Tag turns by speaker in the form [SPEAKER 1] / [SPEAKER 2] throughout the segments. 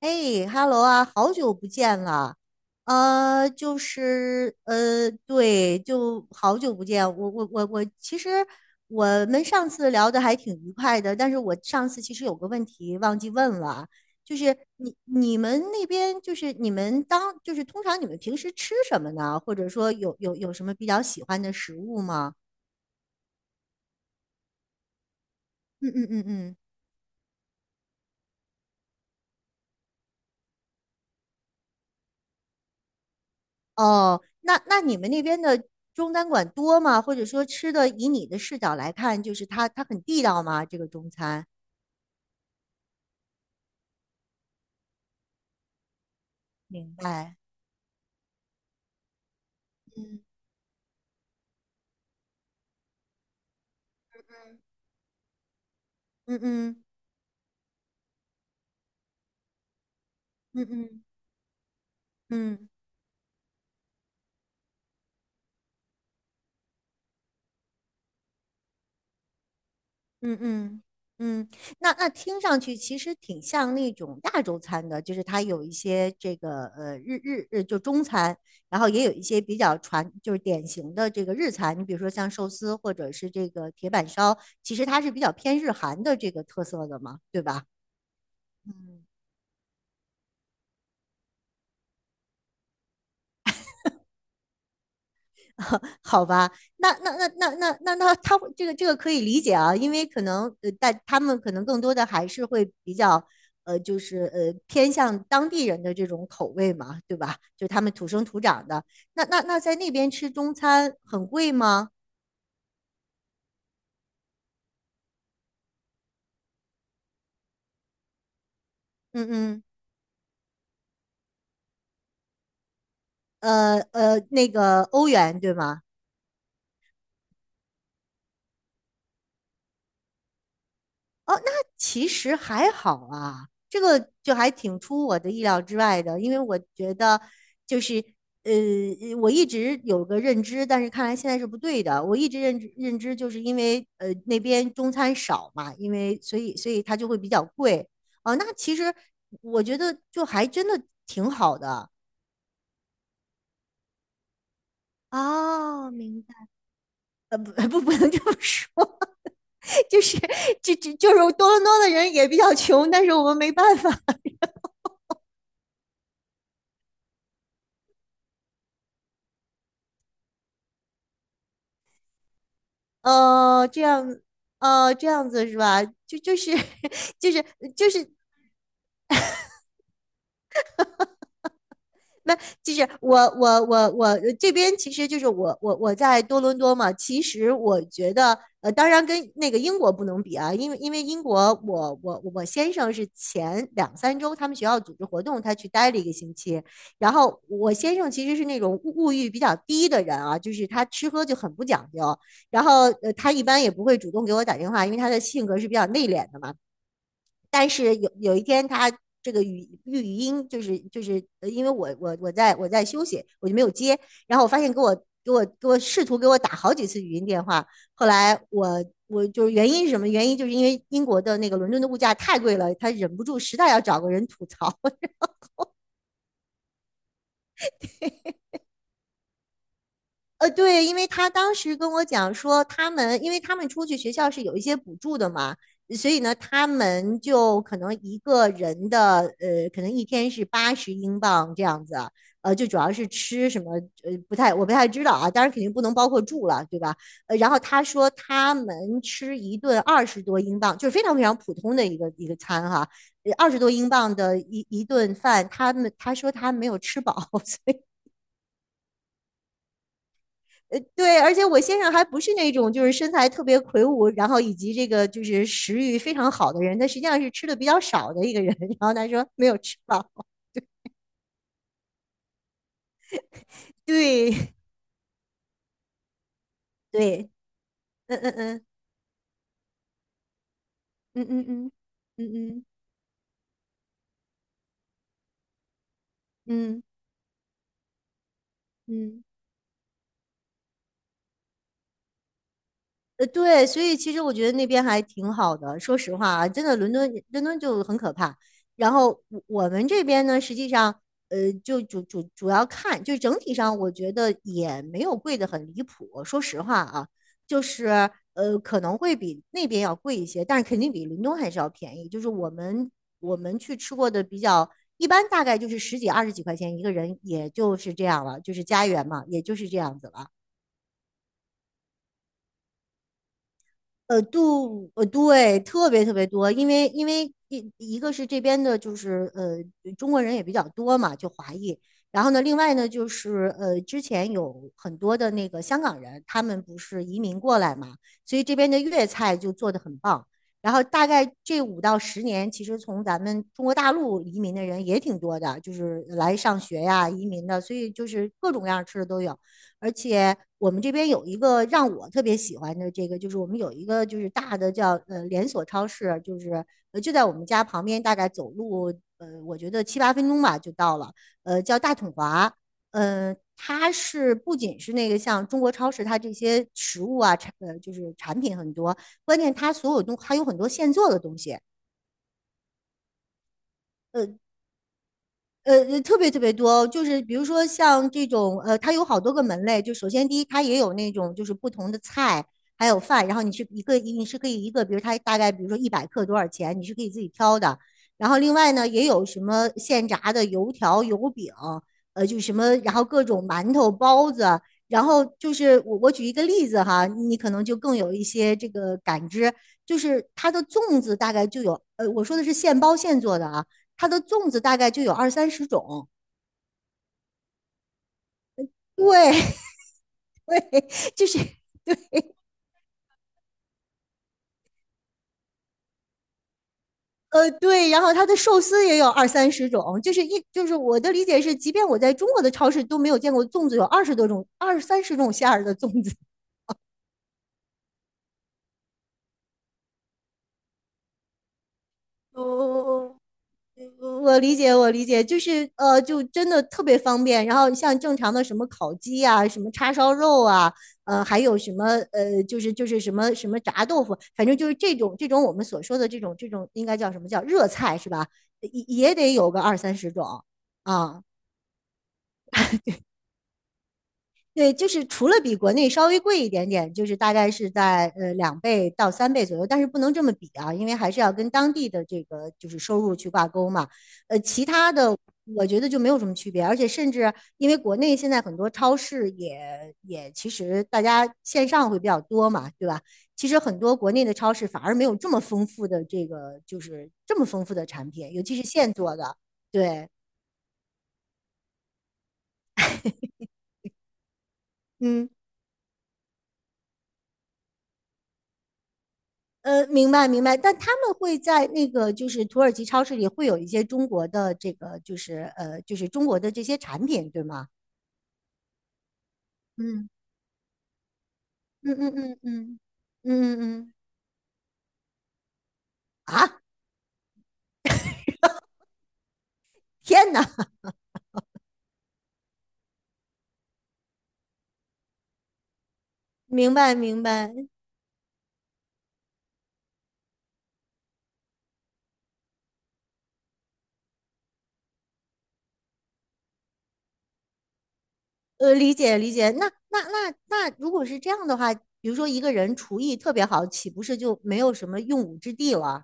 [SPEAKER 1] 哎哈喽啊，好久不见了，就是对，就好久不见。我,其实我们上次聊的还挺愉快的，但是我上次其实有个问题忘记问了，就是你们那边就是你们当就是通常你们平时吃什么呢？或者说有什么比较喜欢的食物吗？嗯嗯嗯嗯。哦，那你们那边的中餐馆多吗？或者说吃的，以你的视角来看，就是它很地道吗？这个中餐，明白。嗯嗯嗯嗯嗯嗯嗯嗯，那听上去其实挺像那种亚洲餐的，就是它有一些这个呃日日日就中餐，然后也有一些比较传就是典型的这个日餐，你比如说像寿司或者是这个铁板烧，其实它是比较偏日韩的这个特色的嘛，对吧？嗯。好吧，那他这个可以理解啊，因为可能但他们可能更多的还是会比较就是偏向当地人的这种口味嘛，对吧？就他们土生土长的。那在那边吃中餐很贵吗？嗯嗯。那个欧元对吗？哦，那其实还好啊，这个就还挺出我的意料之外的，因为我觉得就是呃，我一直有个认知，但是看来现在是不对的。我一直认知就是因为那边中餐少嘛，因为所以它就会比较贵。哦，那其实我觉得就还真的挺好的。哦，明白。不不，不能这么说，就是多伦多的人也比较穷，但是我们没办法。哦，这样。哦，这样子是吧？就是 就是就是那就是我这边其实就是我在多伦多嘛。其实我觉得，当然跟那个英国不能比啊，因为英国我先生是前两三周他们学校组织活动，他去待了一个星期。然后我先生其实是那种物欲比较低的人啊，就是他吃喝就很不讲究。然后他一般也不会主动给我打电话，因为他的性格是比较内敛的嘛。但是有一天他这个语音就是因为我在休息，我就没有接，然后我发现给我给我给我试图给我打好几次语音电话，后来我就是原因是什么原因？就是因为英国的那个伦敦的物价太贵了，他忍不住实在要找个人吐槽。对，因为他当时跟我讲说，他们因为他们出去学校是有一些补助的嘛，所以呢，他们就可能一个人的可能一天是80英镑这样子，就主要是吃什么，不太知道啊，当然肯定不能包括住了，对吧？然后他说他们吃一顿二十多英镑，就是非常非常普通的一个餐哈，二十多英镑的一顿饭，他说他没有吃饱。对，而且我先生还不是那种就是身材特别魁梧，然后以及这个就是食欲非常好的人，他实际上是吃的比较少的一个人。然后他说没有吃饱，对对，嗯嗯嗯嗯嗯嗯嗯嗯嗯嗯。对，所以其实我觉得那边还挺好的。说实话啊，真的，伦敦就很可怕。然后我们这边呢，实际上，就主要看，就整体上，我觉得也没有贵的很离谱。说实话啊，就是可能会比那边要贵一些，但是肯定比伦敦还是要便宜。就是我们去吃过的比较一般，大概就是十几二十几块钱一个人，也就是这样了，就是家园嘛，也就是这样子了。对，特别特别多，因为一个是这边的，就是中国人也比较多嘛，就华裔。然后呢，另外呢，就是之前有很多的那个香港人，他们不是移民过来嘛，所以这边的粤菜就做得很棒。然后大概这五到十年，其实从咱们中国大陆移民的人也挺多的，就是来上学呀、移民的，所以就是各种各样吃的都有。而且我们这边有一个让我特别喜欢的这个，就是我们有一个就是大的叫连锁超市，就是就在我们家旁边，大概走路我觉得七八分钟吧就到了，叫大统华，它是不仅是那个像中国超市，它这些食物啊就是产品很多，关键它所有东还有很多现做的东西，呃特别特别多，就是比如说像这种，它有好多个门类。就首先第一，它也有那种就是不同的菜，还有饭，然后你是可以一个，比如它大概比如说100克多少钱，你是可以自己挑的。然后另外呢，也有什么现炸的油条、油饼，就什么，然后各种馒头、包子。然后就是我举一个例子哈，你可能就更有一些这个感知，就是它的粽子大概就有，我说的是现包现做的啊。它的粽子大概就有二三十种，对，就是 对，然后它的寿司也有二三十种，就是就是我的理解是，即便我在中国的超市都没有见过粽子有二十多种、二三十种馅儿的粽子。哦，我理解，我理解，就是就真的特别方便。然后像正常的什么烤鸡啊，什么叉烧肉啊，还有什么就是什么炸豆腐，反正就是这种我们所说的这种应该叫什么叫热菜是吧？也得有个二三十种啊。对，就是除了比国内稍微贵一点点，就是大概是在两倍到三倍左右，但是不能这么比啊，因为还是要跟当地的这个就是收入去挂钩嘛。其他的我觉得就没有什么区别，而且甚至因为国内现在很多超市也其实大家线上会比较多嘛，对吧？其实很多国内的超市反而没有这么丰富的这个就是这么丰富的产品，尤其是现做的。对，嗯。明白明白，但他们会在那个就是土耳其超市里会有一些中国的这个就是中国的这些产品，对吗？嗯嗯嗯嗯嗯嗯嗯嗯。啊！天哪，明白明白。理解理解。那，如果是这样的话，比如说一个人厨艺特别好，岂不是就没有什么用武之地了？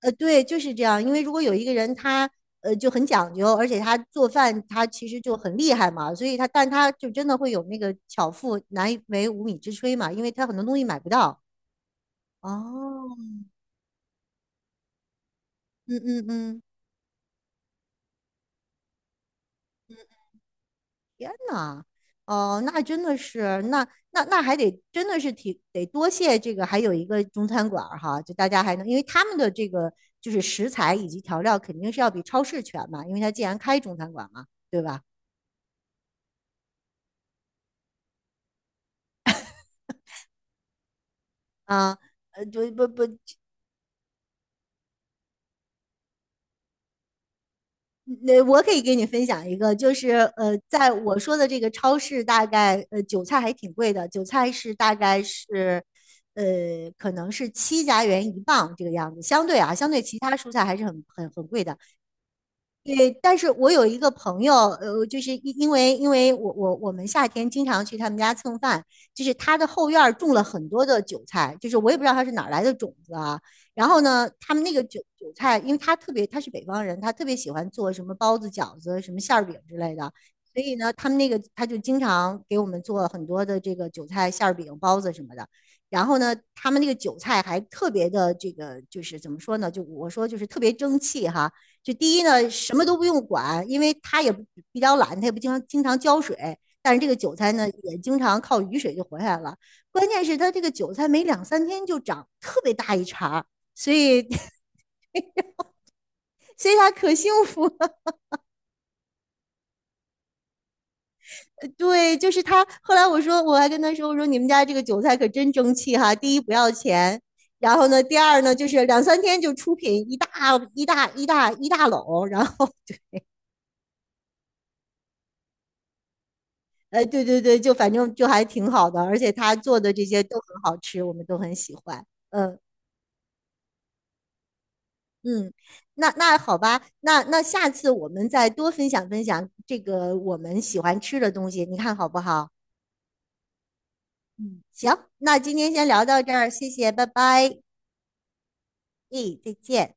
[SPEAKER 1] 对，就是这样。因为如果有一个人他就很讲究，而且他做饭他其实就很厉害嘛，所以他但他就真的会有那个巧妇难为无米之炊嘛，因为他很多东西买不到。哦。嗯嗯嗯。天呐。哦，那真的是，那还得真的是挺得多谢这个，还有一个中餐馆儿哈，就大家还能，因为他们的这个就是食材以及调料肯定是要比超市全嘛，因为他既然开中餐馆嘛，对吧？啊。对，不不，那我可以给你分享一个，就是在我说的这个超市，大概韭菜还挺贵的，韭菜是大概是呃可能是7加元一磅这个样子，相对啊，相对其他蔬菜还是很贵的。对，但是我有一个朋友，就是因为我们夏天经常去他们家蹭饭，就是他的后院儿种了很多的韭菜，就是我也不知道他是哪儿来的种子啊。然后呢，他们那个韭菜，因为他特别他是北方人，他特别喜欢做什么包子、饺子、什么馅儿饼之类的，所以呢，他们那个他就经常给我们做很多的这个韭菜馅儿饼、包子什么的。然后呢，他们那个韭菜还特别的这个，就是怎么说呢？就我说就是特别争气哈。就第一呢，什么都不用管，因为它也比较懒，它也不经常浇水。但是这个韭菜呢，也经常靠雨水就活下来了。关键是它这个韭菜没两三天就长特别大一茬，所以所以它可幸福了。对，就是他。后来我说，我还跟他说，我说你们家这个韭菜可真争气哈。第一不要钱，然后呢，第二呢就是两三天就出品一大篓，然后哎，对对对，就反正就还挺好的，而且他做的这些都很好吃，我们都很喜欢。嗯嗯。那好吧。那下次我们再多分享分享这个我们喜欢吃的东西，你看好不好？嗯，行，那今天先聊到这儿，谢谢，拜拜，诶，再见。